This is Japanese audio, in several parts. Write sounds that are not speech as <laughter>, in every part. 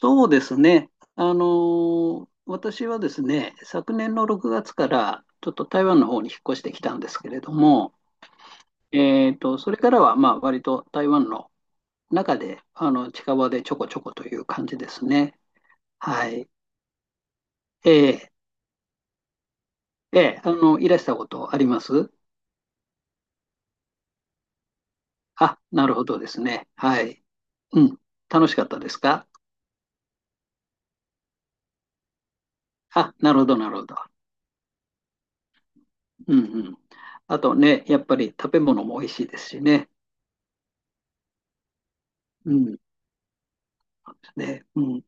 そうですね。私はですね、昨年の6月からちょっと台湾の方に引っ越してきたんですけれども、それからはまあ割と台湾の中で近場でちょこちょこという感じですね。はい。ええええ、いらしたことあります？あ、なるほどですね。はい。うん。楽しかったですか？あ、なるほど、なるほど。うんうん。あとね、やっぱり食べ物も美味しいですしね。うん。そうですね。うん。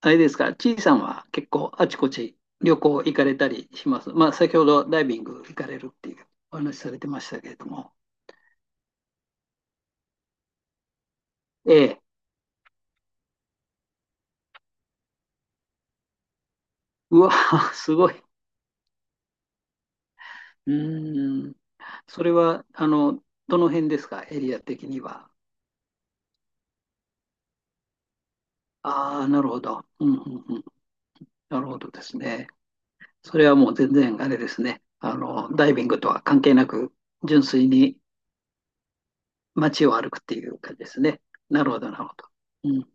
あれですか、ちいさんは結構あちこち旅行行かれたりします？まあ、先ほどダイビング行かれるっていうお話されてましたけれども。ええ、うわ、<laughs> すごい。うーん。それは、どの辺ですか、エリア的には？ああ、なるほど。うんうんうん。なるほどですね。それはもう全然あれですね。ダイビングとは関係なく、純粋に街を歩くっていう感じですね。なるほど、なるほど。うん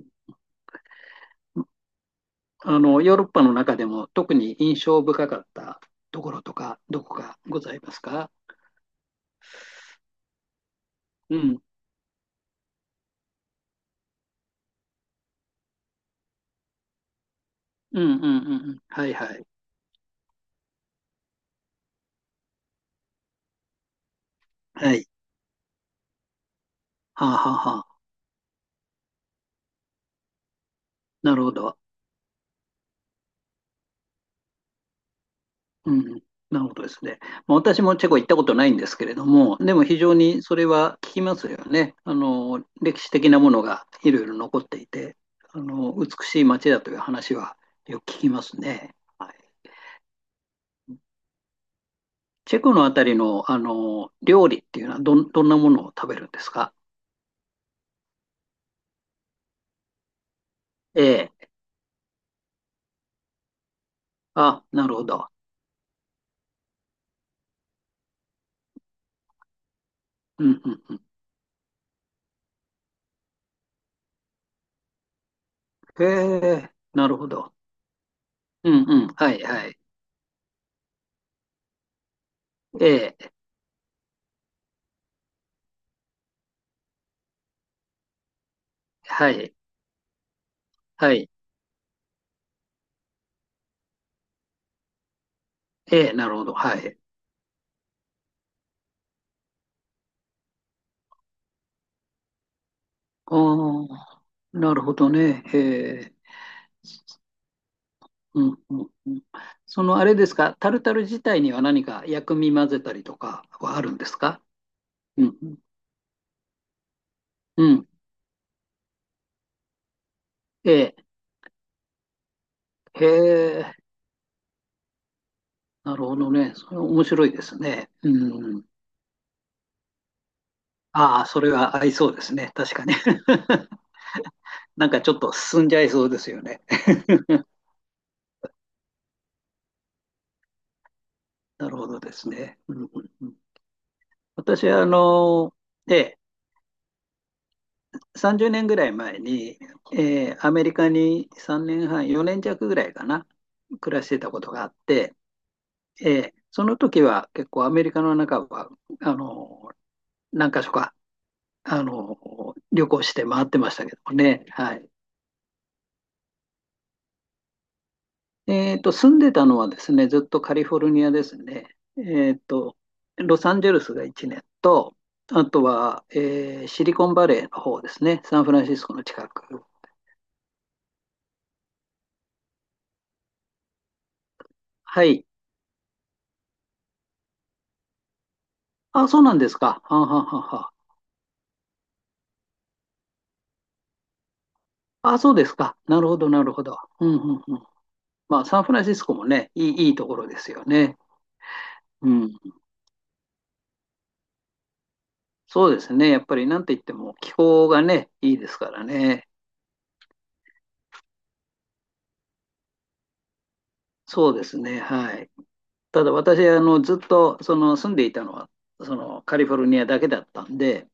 あの、ヨーロッパの中でも特に印象深かったところとか、どこかございますか？うん、うん、うん、うんうん。はい、はい。はい。はあ、はあ、はあ。なるほど。うん、うん。なるほどですね。まあ私もチェコ行ったことないんですけれども、でも非常にそれは聞きますよね。歴史的なものがいろいろ残っていて、美しい街だという話はよく聞きますね。はい。チェコのあたりの、料理っていうのはどんなものを食べるんですか？ええ。あ、なるほど。うん、うん、うん。へえ、なるほど。うん、うん、はい、はい。ええ、はい、はい。ええ、なるほど、はい。ああ、なるほどね。へえ、うん、うん、うん。その、あれですか、タルタル自体には何か薬味混ぜたりとかはあるんですか？うん、うん、うん。ええ、へえ、なるほどね。それ面白いですね。うん。ああ、それは合いそうですね。確かに。<laughs> なんかちょっと進んじゃいそうですよね。なるほどですね。うんうんうん、私はええ、30年ぐらい前に、アメリカに3年半、4年弱ぐらいかな、暮らしてたことがあって、その時は結構アメリカの中は、あの、何か所か、旅行して回ってましたけどもね。はい。住んでたのはですね、ずっとカリフォルニアですね。ロサンゼルスが1年と、あとは、シリコンバレーの方ですね、サンフランシスコの近く。はい。あ、そうなんですか。はんはんはんはん。あ、そうですか。なるほど、なるほど。うんうんうん。まあ、サンフランシスコもね、いいところですよね。うん。そうですね。やっぱり、なんて言っても気候がね、いいですからね。そうですね。はい。ただ私ずっとその住んでいたのはそのカリフォルニアだけだったんで、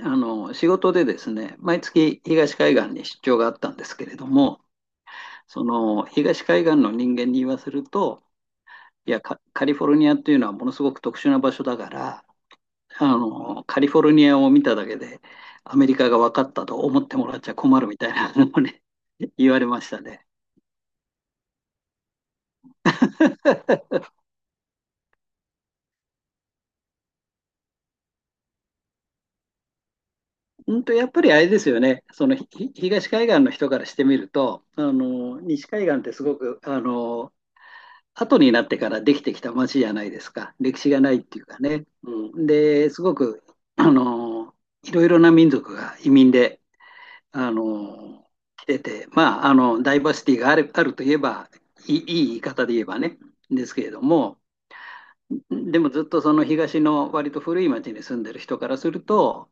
仕事でですね、毎月東海岸に出張があったんですけれども、その東海岸の人間に言わせると、いや、カリフォルニアっていうのはものすごく特殊な場所だから、あのカリフォルニアを見ただけでアメリカが分かったと思ってもらっちゃ困るみたいなのをね、言われましたね。やっぱりあれですよね、そのひ東海岸の人からしてみると、西海岸ってすごく後になってからできてきた街じゃないですか、歴史がないっていうかね。うん、で、すごくあのいろいろな民族が移民であの来てて、まあ、ダイバーシティがあるといえばいい言い方で言えばね、ですけれども、でもずっとその東の割と古い町に住んでる人からすると、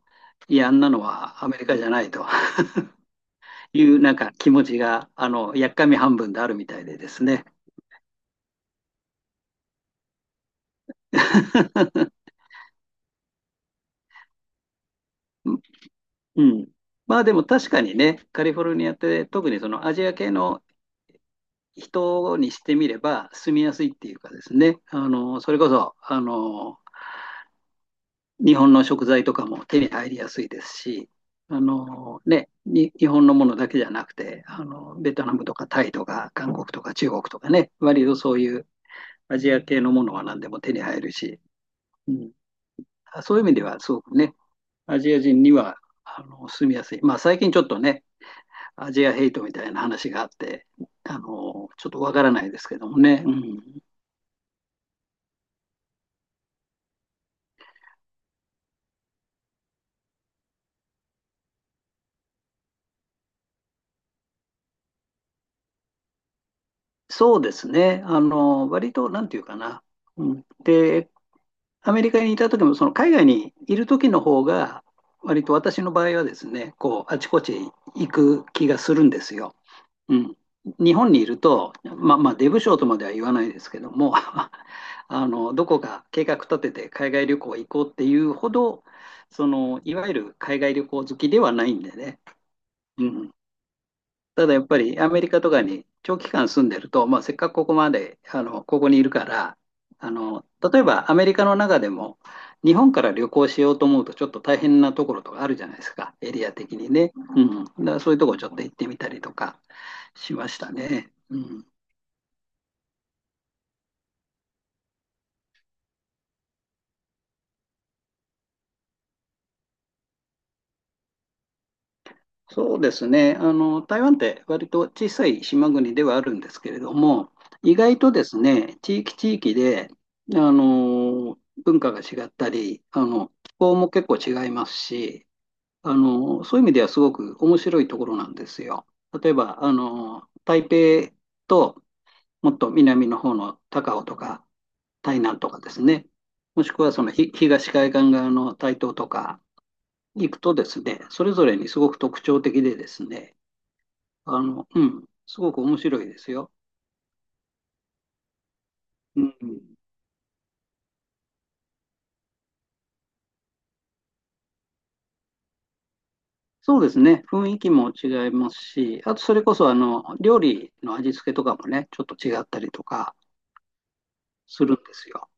いや、あんなのはアメリカじゃないと。いうなんか気持ちが、やっかみ半分であるみたいでですね。<laughs> うん。まあでも確かにね、カリフォルニアって特にそのアジア系の人にしてみれば住みやすいっていうかですね、あの、それこそ、あの、日本の食材とかも手に入りやすいですし、日本のものだけじゃなくて、ベトナムとかタイとか韓国とか中国とかね、割とそういうアジア系のものは何でも手に入るし、うんそういう意味ではすごくね、アジア人には住みやすい。まあ最近ちょっとね、アジアヘイトみたいな話があって、ちょっとわからないですけどもね、うん、そうですね、割となんていうかな、うん、で、アメリカにいた時も、その海外にいる時の方が、割と私の場合はですね、こうあちこち行く気がするんですよ。うん、日本にいると、まあ、出不精とまでは言わないですけども、 <laughs> どこか計画立てて海外旅行行こうっていうほど、そのいわゆる海外旅行好きではないんでね、うんただやっぱりアメリカとかに長期間住んでると、まあ、せっかくここまで、ここにいるから、あの、例えばアメリカの中でも、日本から旅行しようと思うとちょっと大変なところとかあるじゃないですか、エリア的にね。うん。だからそういうところちょっと行ってみたりとかしましたね。うん。そうですね。台湾って割と小さい島国ではあるんですけれども、意外とですね、地域地域で、文化が違ったり、気候も結構違いますし、そういう意味ではすごく面白いところなんですよ。例えば、台北と、もっと南の方の高雄とか台南とかですね、もしくはそのひ東海岸側の台東とか行くとですね、それぞれにすごく特徴的でですね、すごく面白いですよ。うん、そうですね、雰囲気も違いますし、あとそれこそ料理の味付けとかもね、ちょっと違ったりとかするんですよ。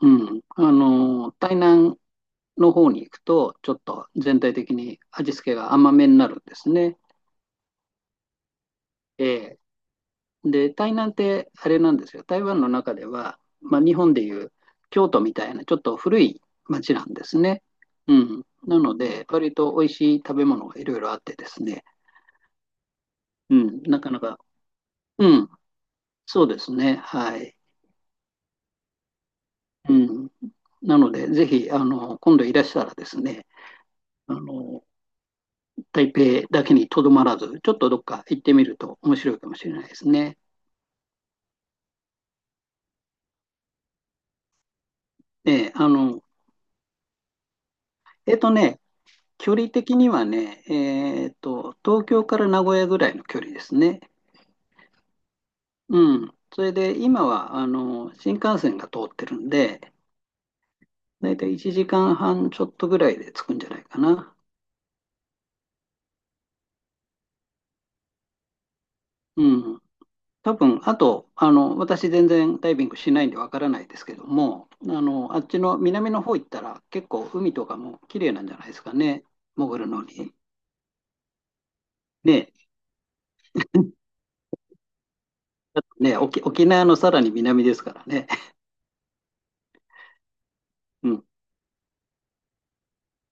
うん、台南の方に行くと、ちょっと全体的に味付けが甘めになるんですね。ええで、台南ってあれなんですよ。台湾の中では、まあ、日本でいう京都みたいなちょっと古い町なんですね。うん。なので、割と美味しい食べ物がいろいろあってですね。うん。なかなか、うん。そうですね。はい。うん。なので、ぜひ、今度いらしたらですね、あの、台北だけにとどまらず、ちょっとどっか行ってみると面白いかもしれないですね。ええあの、えっとね、距離的にはね、東京から名古屋ぐらいの距離ですね。うん。それで、今は、新幹線が通ってるんで、だいたい1時間半ちょっとぐらいで着くんじゃないかな。うん。多分、あと、私全然ダイビングしないんでわからないですけども、あっちの南の方行ったら結構海とかも綺麗なんじゃないですかね。潜るのに。ね。<laughs> うんだってね、沖縄のさらに南ですからね。うん